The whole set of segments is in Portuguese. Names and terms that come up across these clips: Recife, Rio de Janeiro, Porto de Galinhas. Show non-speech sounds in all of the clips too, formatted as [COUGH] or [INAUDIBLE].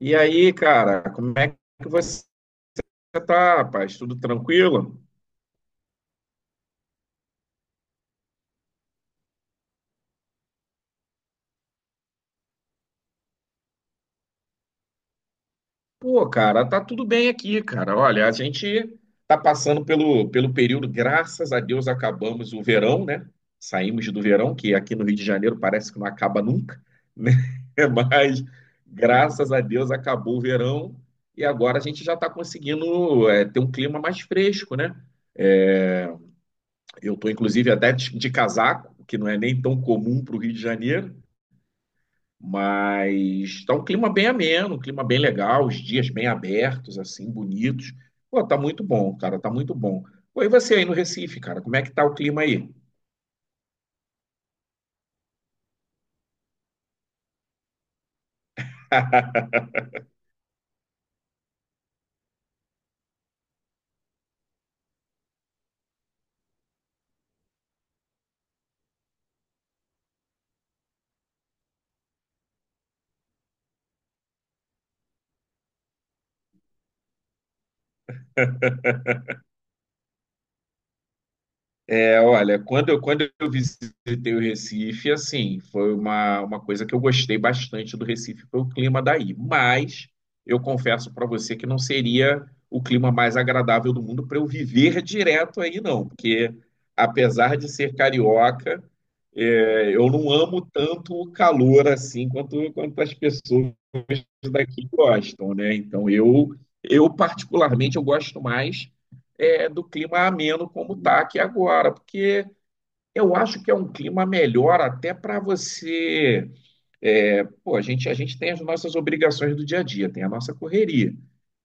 E aí, cara, como é que você tá, rapaz? Tudo tranquilo? Pô, cara, tá tudo bem aqui, cara. Olha, a gente tá passando pelo período, graças a Deus acabamos o verão, né? Saímos do verão, que aqui no Rio de Janeiro parece que não acaba nunca, né? [LAUGHS] Mas graças a Deus acabou o verão e agora a gente já tá conseguindo ter um clima mais fresco, né? Eh, Eu tô inclusive até de casaco, que não é nem tão comum para o Rio de Janeiro. Mas tá um clima bem ameno, um clima bem legal, os dias bem abertos, assim, bonitos. Pô, tá muito bom, cara, tá muito bom. Pô, e você aí no Recife, cara, como é que tá o clima aí? [LAUGHS] É, olha, quando eu visitei o Recife, assim, foi uma coisa que eu gostei bastante do Recife, foi o clima daí. Mas eu confesso para você que não seria o clima mais agradável do mundo para eu viver direto aí, não. Porque, apesar de ser carioca, eu não amo tanto o calor assim quanto as pessoas daqui gostam, né? Então, eu particularmente, eu gosto mais do clima ameno como está aqui agora, porque eu acho que é um clima melhor até para você. É, pô, a gente tem as nossas obrigações do dia a dia, tem a nossa correria.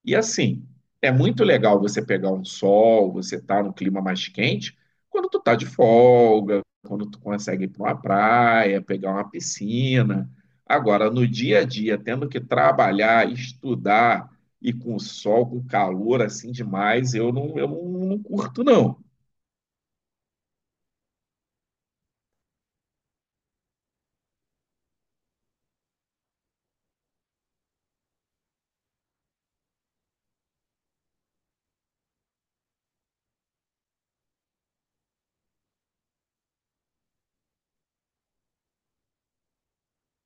E assim, é muito legal você pegar um sol, você tá num clima mais quente, quando tu tá de folga, quando tu consegue ir para uma praia, pegar uma piscina. Agora, no dia a dia, tendo que trabalhar, estudar e com sol, com calor assim demais, eu não, não curto, não.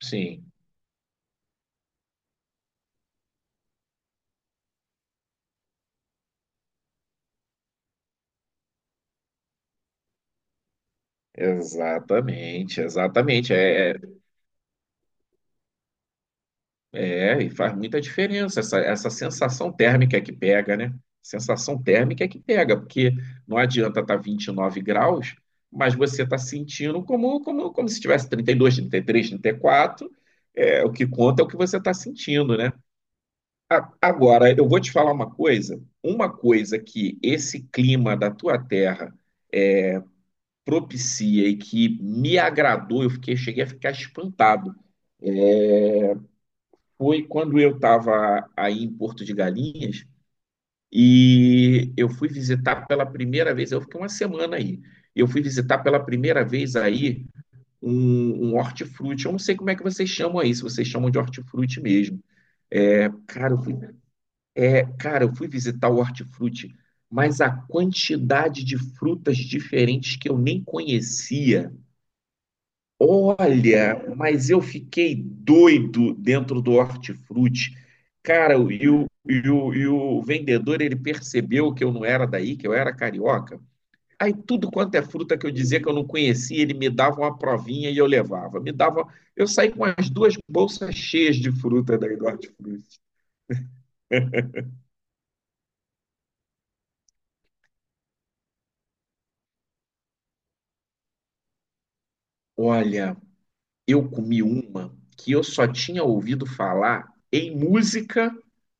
Sim. Exatamente, exatamente. E faz muita diferença essa sensação térmica que pega, né? Sensação térmica que pega, porque não adianta estar 29 graus, mas você está sentindo como se tivesse trinta trinta e dois 33 34. É, o que conta é o que você está sentindo, né? Agora, eu vou te falar uma coisa. Uma coisa que esse clima da tua terra propicia e que me agradou, cheguei a ficar espantado foi quando eu estava aí em Porto de Galinhas e eu fui visitar pela primeira vez, eu fiquei uma semana aí, eu fui visitar pela primeira vez aí um hortifruti, eu não sei como é que vocês chamam aí, se vocês chamam de hortifruti mesmo. É, cara, eu fui, eu fui visitar o hortifruti, mas a quantidade de frutas diferentes que eu nem conhecia. Olha, mas eu fiquei doido dentro do hortifruti. Cara, e o vendedor, ele percebeu que eu não era daí, que eu era carioca. Aí tudo quanto é fruta que eu dizia que eu não conhecia, ele me dava uma provinha e eu levava. Me dava, eu saí com as duas bolsas cheias de fruta daí do hortifruti. Olha, eu comi uma que eu só tinha ouvido falar em música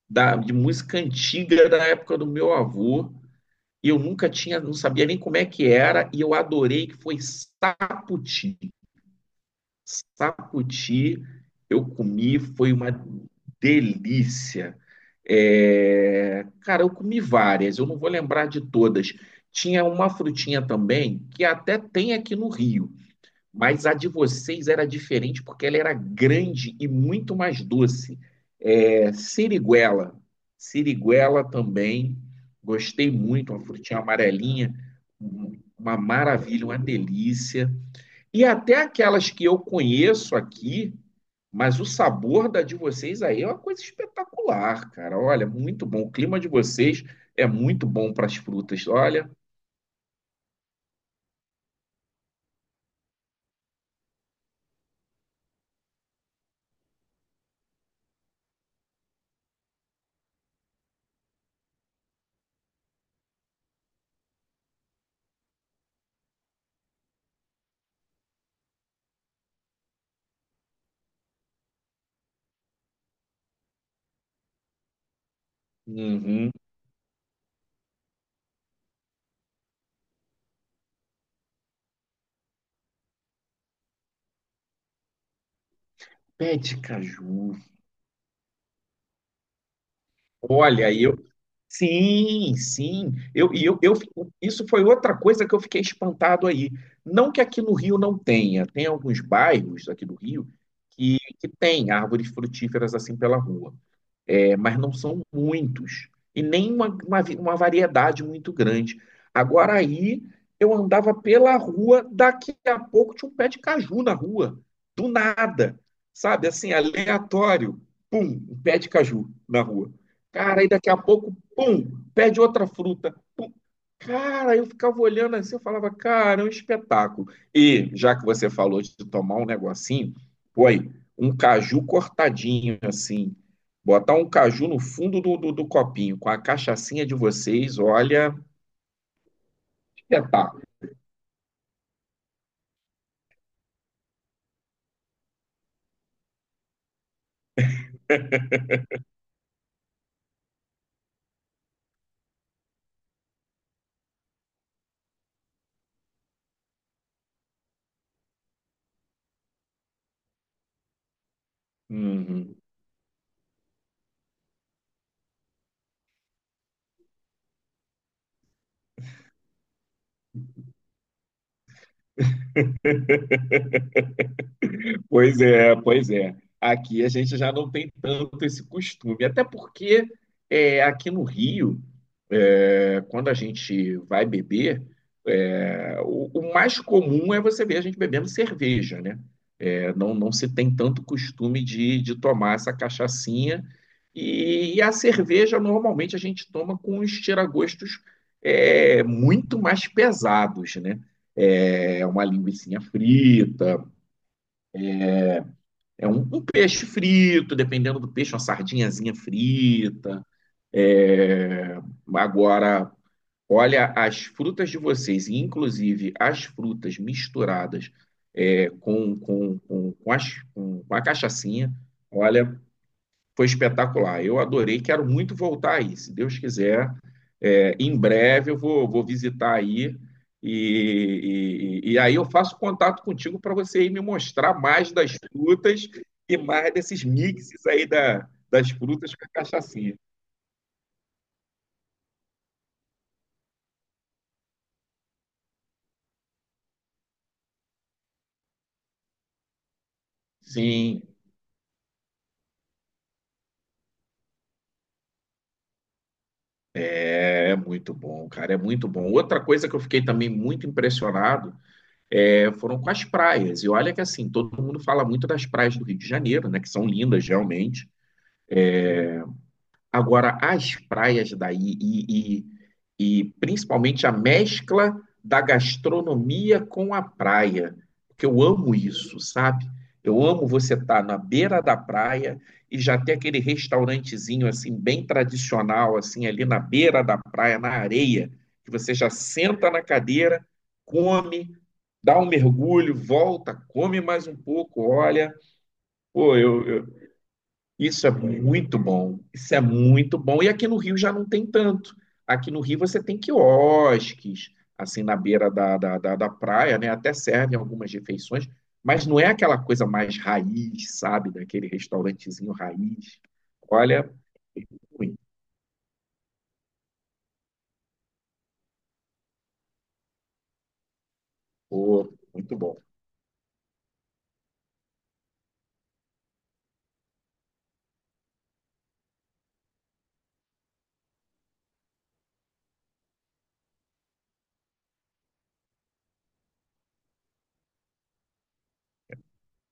de música antiga da época do meu avô e eu nunca tinha, não sabia nem como é que era, e eu adorei que foi sapoti, sapoti. Eu comi, foi uma delícia. É, cara, eu comi várias, eu não vou lembrar de todas. Tinha uma frutinha também que até tem aqui no Rio, mas a de vocês era diferente porque ela era grande e muito mais doce. É, siriguela. Siriguela também. Gostei muito, uma frutinha amarelinha, uma maravilha, uma delícia. E até aquelas que eu conheço aqui, mas o sabor da de vocês aí é uma coisa espetacular, cara. Olha, muito bom. O clima de vocês é muito bom para as frutas. Olha, uhum. Pé de caju. Olha, eu sim, sim. Eu, e eu, eu, isso foi outra coisa que eu fiquei espantado aí. Não que aqui no Rio não tenha, tem alguns bairros aqui do Rio que tem árvores frutíferas assim pela rua, mas não são muitos, e nem uma variedade muito grande. Agora aí, eu andava pela rua, daqui a pouco tinha um pé de caju na rua, do nada, sabe? Assim, aleatório, pum, um pé de caju na rua. Cara, aí daqui a pouco, pum, pé de outra fruta, pum. Cara, eu ficava olhando assim, eu falava, cara, é um espetáculo. E já que você falou de tomar um negocinho, foi um caju cortadinho assim, botar um caju no fundo do copinho com a cachaçinha de vocês, olha, espetáculo. Uhum. [LAUGHS] Pois é, pois é. Aqui a gente já não tem tanto esse costume, até porque aqui no Rio, quando a gente vai beber, o mais comum é você ver a gente bebendo cerveja, né? Não se tem tanto costume de tomar essa cachaçinha. E a cerveja, normalmente, a gente toma com os tiragostos muito mais pesados, né? É uma linguiça frita, é um peixe frito, dependendo do peixe, uma sardinhazinha frita. É, agora, olha, as frutas de vocês, e inclusive as frutas misturadas com a cachaçinha, olha, foi espetacular. Eu adorei, quero muito voltar aí. Se Deus quiser, em breve eu vou, vou visitar aí e aí eu faço contato contigo para você ir me mostrar mais das frutas e mais desses mixes aí das frutas com a cachaçinha. Sim. É muito bom, cara, é muito bom. Outra coisa que eu fiquei também muito impressionado foram com as praias. E olha que assim, todo mundo fala muito das praias do Rio de Janeiro, né? Que são lindas realmente. Agora, as praias daí, e principalmente a mescla da gastronomia com a praia, porque eu amo isso, sabe? Eu amo você estar na beira da praia e já ter aquele restaurantezinho assim bem tradicional assim ali na beira da praia, na areia, que você já senta na cadeira, come, dá um mergulho, volta, come mais um pouco, olha, pô, isso é muito bom. Isso é muito bom. E aqui no Rio já não tem tanto. Aqui no Rio você tem quiosques, assim, na beira da praia, né? Até servem algumas refeições, mas não é aquela coisa mais raiz, sabe? Daquele restaurantezinho raiz. Olha, ruim. Muito bom.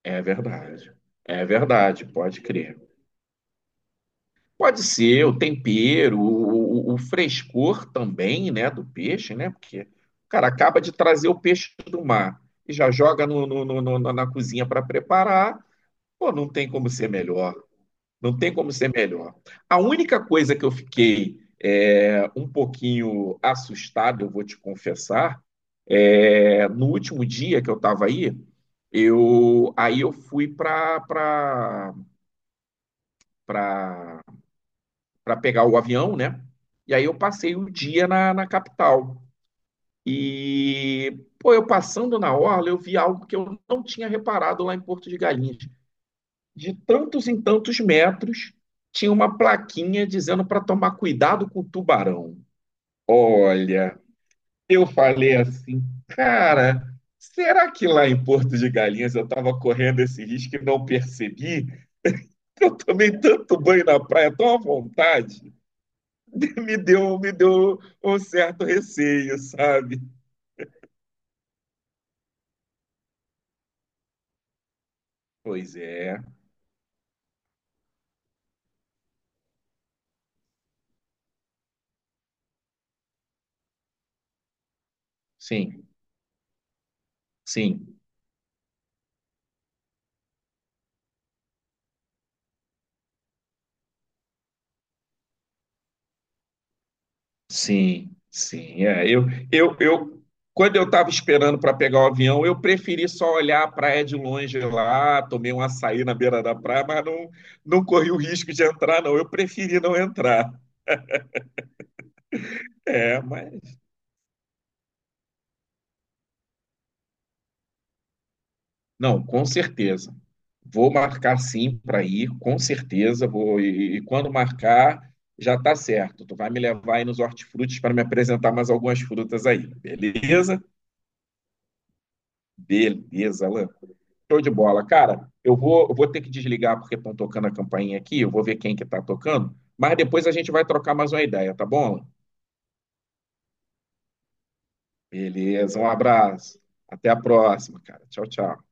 É verdade. É verdade, pode crer. Pode ser o tempero, o frescor também, né, do peixe, né? Porque, o cara, acaba de trazer o peixe do mar e já joga na cozinha para preparar. Pô, não tem como ser melhor. Não tem como ser melhor. A única coisa que eu fiquei um pouquinho assustado, eu vou te confessar, no último dia que eu estava aí, eu fui para para pegar o avião, né? E aí eu passei o dia na capital. E, pô, eu passando na orla, eu vi algo que eu não tinha reparado lá em Porto de Galinhas. De tantos em tantos metros, tinha uma plaquinha dizendo para tomar cuidado com o tubarão. Olha, eu falei assim, cara, será que lá em Porto de Galinhas eu estava correndo esse risco e não percebi? Eu tomei tanto banho na praia, tão à vontade. [LAUGHS] Me deu um certo receio, sabe? Pois é, sim, sim, sim, sim. Eu, quando eu estava esperando para pegar o avião, eu preferi só olhar a praia de longe lá, tomei um açaí na beira da praia, mas não, não corri o risco de entrar, não. Eu preferi não entrar. É, mas. Não, com certeza. Vou marcar sim para ir, com certeza. E quando marcar, já está certo. Tu vai me levar aí nos hortifrutis para me apresentar mais algumas frutas aí, beleza? Beleza, Alan. Show de bola, cara. Eu vou ter que desligar porque estão tocando a campainha aqui. Eu vou ver quem que está tocando. Mas depois a gente vai trocar mais uma ideia, tá bom? Alan? Beleza. Um abraço. Até a próxima, cara. Tchau, tchau.